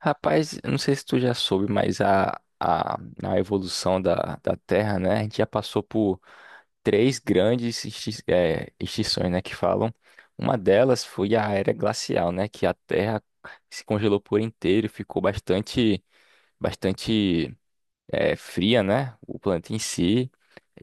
Rapaz, eu não sei se tu já soube, mas a, a evolução da Terra, né? A gente já passou por três grandes extinções, né? Que falam. Uma delas foi a era glacial, né? Que a Terra se congelou por inteiro, e ficou bastante fria, né? O planeta em si.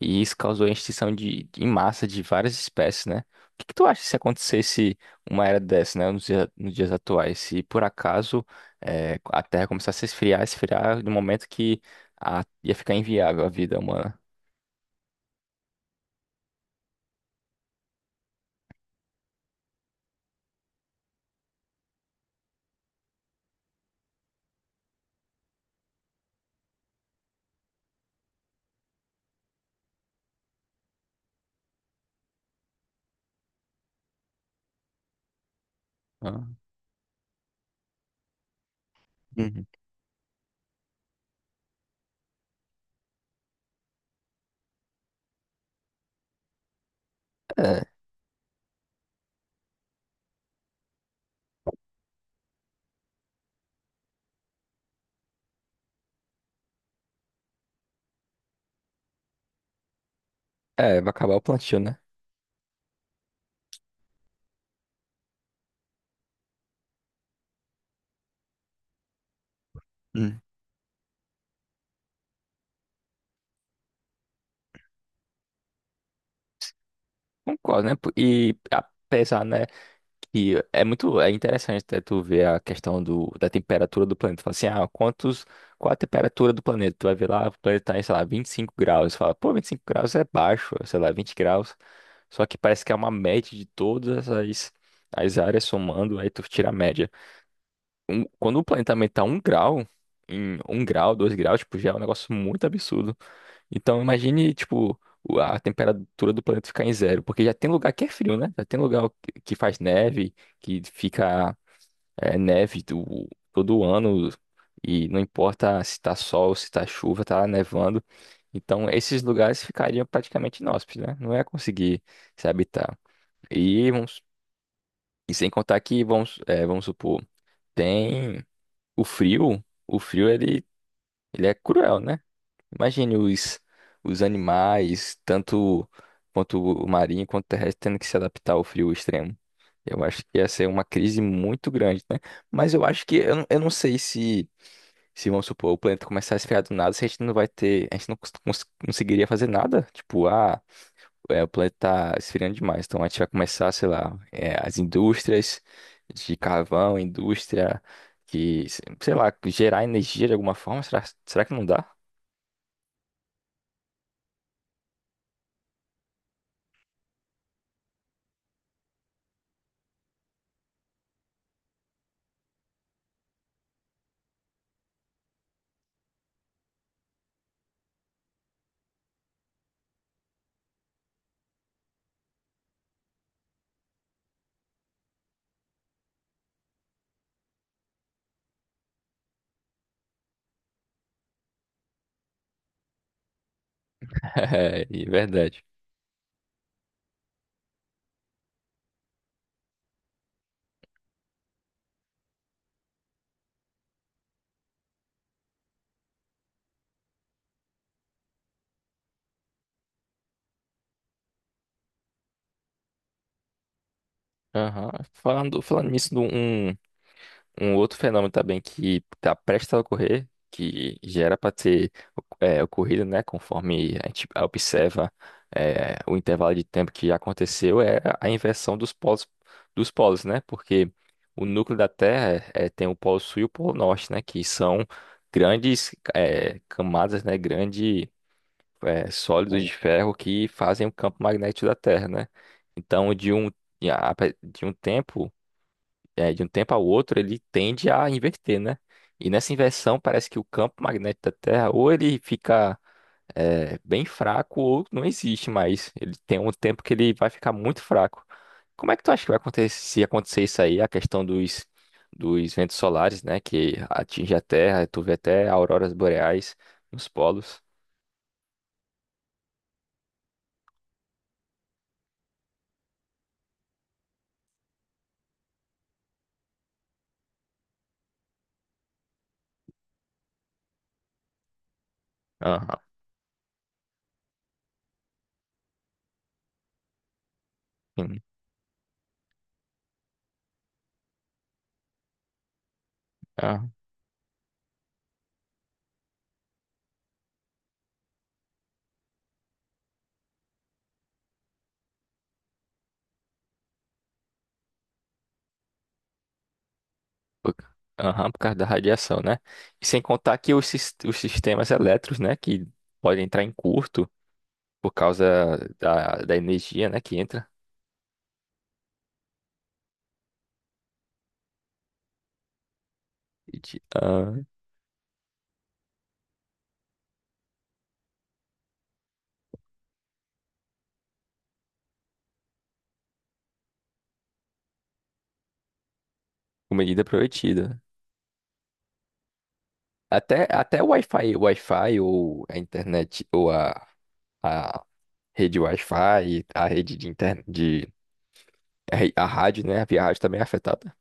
E isso causou a extinção em massa de várias espécies, né? O que que tu acha se acontecesse uma era dessa, né? Nos dias atuais? Se por acaso a Terra começasse a esfriar, esfriar no momento que ia ficar inviável a vida humana. Ah. Uhum. É, é, vai acabar o plantio, né? Uhum. Concordo, né? E apesar, né? E é muito, é interessante até tu ver a questão do, da temperatura do planeta. Tu fala assim, ah, quantos, qual a temperatura do planeta? Tu vai ver lá, o planeta tá em, sei lá, 25 graus. Tu fala, pô, 25 graus é baixo, sei lá, 20 graus. Só que parece que é uma média de todas as, as áreas somando, aí tu tira a média. Quando o planeta aumenta um grau, em um grau, dois graus, tipo, já é um negócio muito absurdo. Então imagine, tipo, a temperatura do planeta ficar em zero, porque já tem lugar que é frio, né? Já tem lugar que faz neve, que fica neve do, todo ano, e não importa se tá sol, se tá chuva, tá nevando. Então esses lugares ficariam praticamente inóspitos, né? Não ia conseguir se habitar. E, vamos, e sem contar que, vamos, é, vamos supor, tem o frio ele, ele é cruel, né? Imagine os animais, tanto quanto o marinho quanto o terrestre, tendo que se adaptar ao frio extremo. Eu acho que essa é uma crise muito grande, né? Mas eu acho que eu não sei se, se, vamos supor, o planeta começar a esfriar do nada, se a gente não vai ter, a gente não conseguiria fazer nada. Tipo, ah, é, o planeta tá esfriando demais, então a gente vai começar, sei lá, é, as indústrias de carvão, indústria que, sei lá, gerar energia de alguma forma. Será, será que não dá? É, é verdade. Aham. Falando, falando nisso, de um, um outro fenômeno também que está prestes a ocorrer, que já era para ter ocorrido, né, conforme a gente observa o intervalo de tempo que já aconteceu, é a inversão dos polos, né? Porque o núcleo da Terra é, tem o polo sul e o polo norte, né? Que são grandes camadas, né? Grandes sólidos de ferro que fazem o campo magnético da Terra, né? Então, de um, de a- de um tempo de um tempo ao outro, ele tende a inverter, né? E nessa inversão, parece que o campo magnético da Terra, ou ele fica bem fraco, ou não existe mais. Ele tem um tempo que ele vai ficar muito fraco. Como é que tu acha que vai acontecer se acontecer isso aí, a questão dos, dos ventos solares, né? Que atinge a Terra, tu vê até auroras boreais nos polos. Aham. Sim. Aham. Por aham, por causa da radiação, né? E sem contar que os, os sistemas elétricos, né? Que podem entrar em curto por causa da, da energia, né, que entra e de- ah, com medida prometida. Até, até o Wi-Fi ou a internet, ou a rede Wi-Fi, a rede de internet, de, a, a rádio, né, a via rádio também é afetada.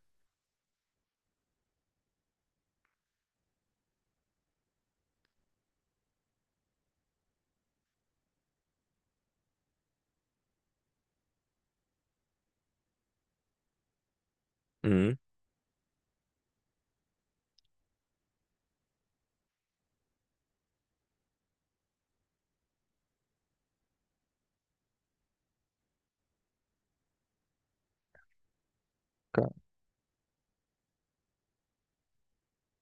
Uhum. Ca-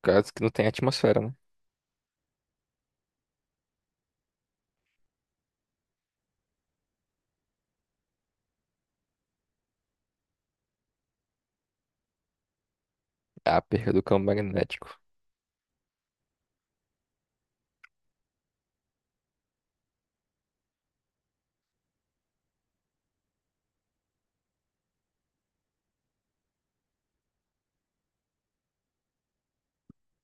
Caso que não tenha atmosfera, né? A perda do campo magnético.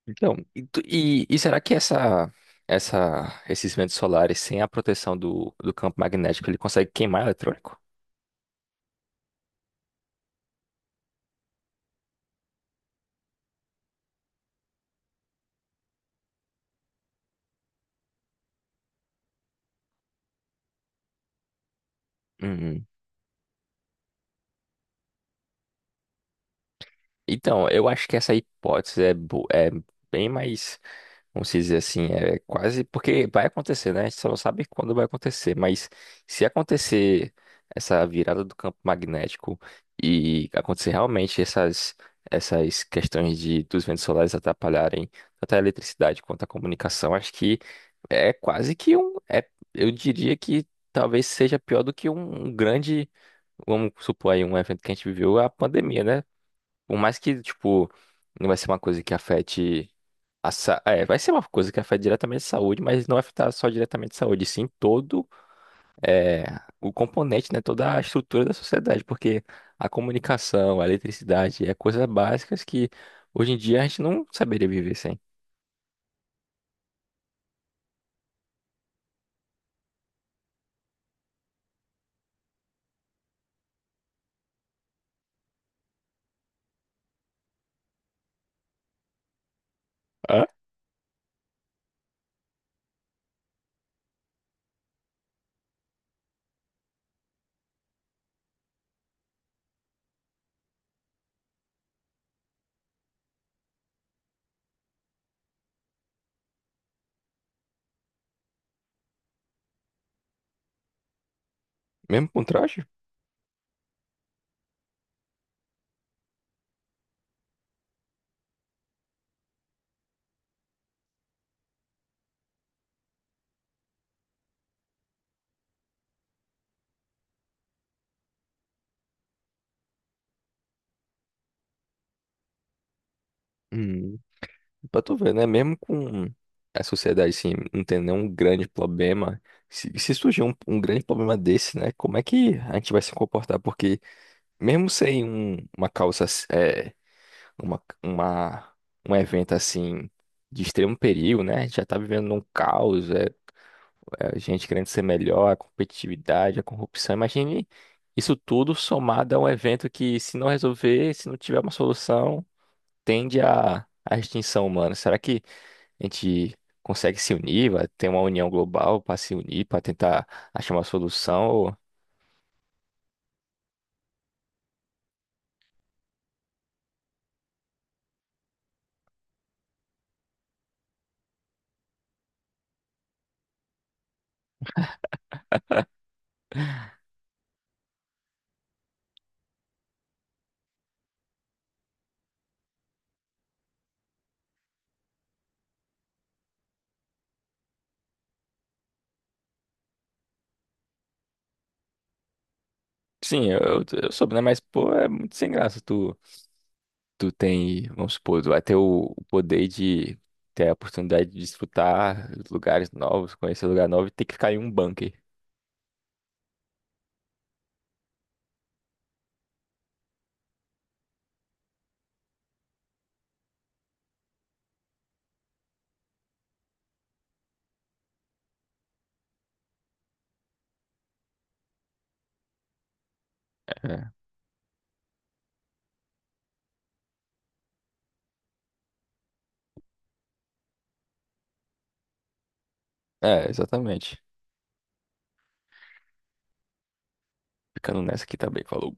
Então, e, e será que essa, esses ventos solares, sem a proteção do, do campo magnético, ele consegue queimar eletrônico? Então, eu acho que essa hipótese é, é bem mais, vamos dizer assim, é quase porque vai acontecer, né? A gente só não sabe quando vai acontecer, mas se acontecer essa virada do campo magnético e acontecer realmente essas essas questões de dos ventos solares atrapalharem tanto a eletricidade quanto a comunicação, acho que é quase que um, é, eu diria que talvez seja pior do que um um grande. Vamos supor aí um evento que a gente viveu, a pandemia, né? Por mais que, tipo, não vai ser uma coisa que afete a sa... é, vai ser uma coisa que afete diretamente a saúde, mas não vai afetar só diretamente a saúde, sim todo é, o componente, né, toda a estrutura da sociedade, porque a comunicação, a eletricidade, é coisas básicas que hoje em dia a gente não saberia viver sem. Ah, mesmo com traje? Hum, pra tu ver, né, mesmo com a sociedade, assim, não tendo nenhum grande problema, se surgir um, um grande problema desse, né, como é que a gente vai se comportar? Porque mesmo sem um, uma causa, é, uma, um evento assim de extremo perigo, né? A gente já tá vivendo num caos, é, é gente querendo ser melhor, a competitividade, a corrupção. Imagine isso tudo somado a um evento que, se não resolver, se não tiver uma solução, tende à, à extinção humana. Será que a gente consegue se unir, vai ter uma união global para se unir, para tentar achar uma solução? Ou- Sim, eu soube, né? Mas, pô, é muito sem graça tu. Tu tem, vamos supor, tu vai ter o poder de ter a oportunidade de desfrutar lugares novos, conhecer lugar novo e ter que ficar em um bunker. É, é, exatamente. Ficando nessa aqui também, falou.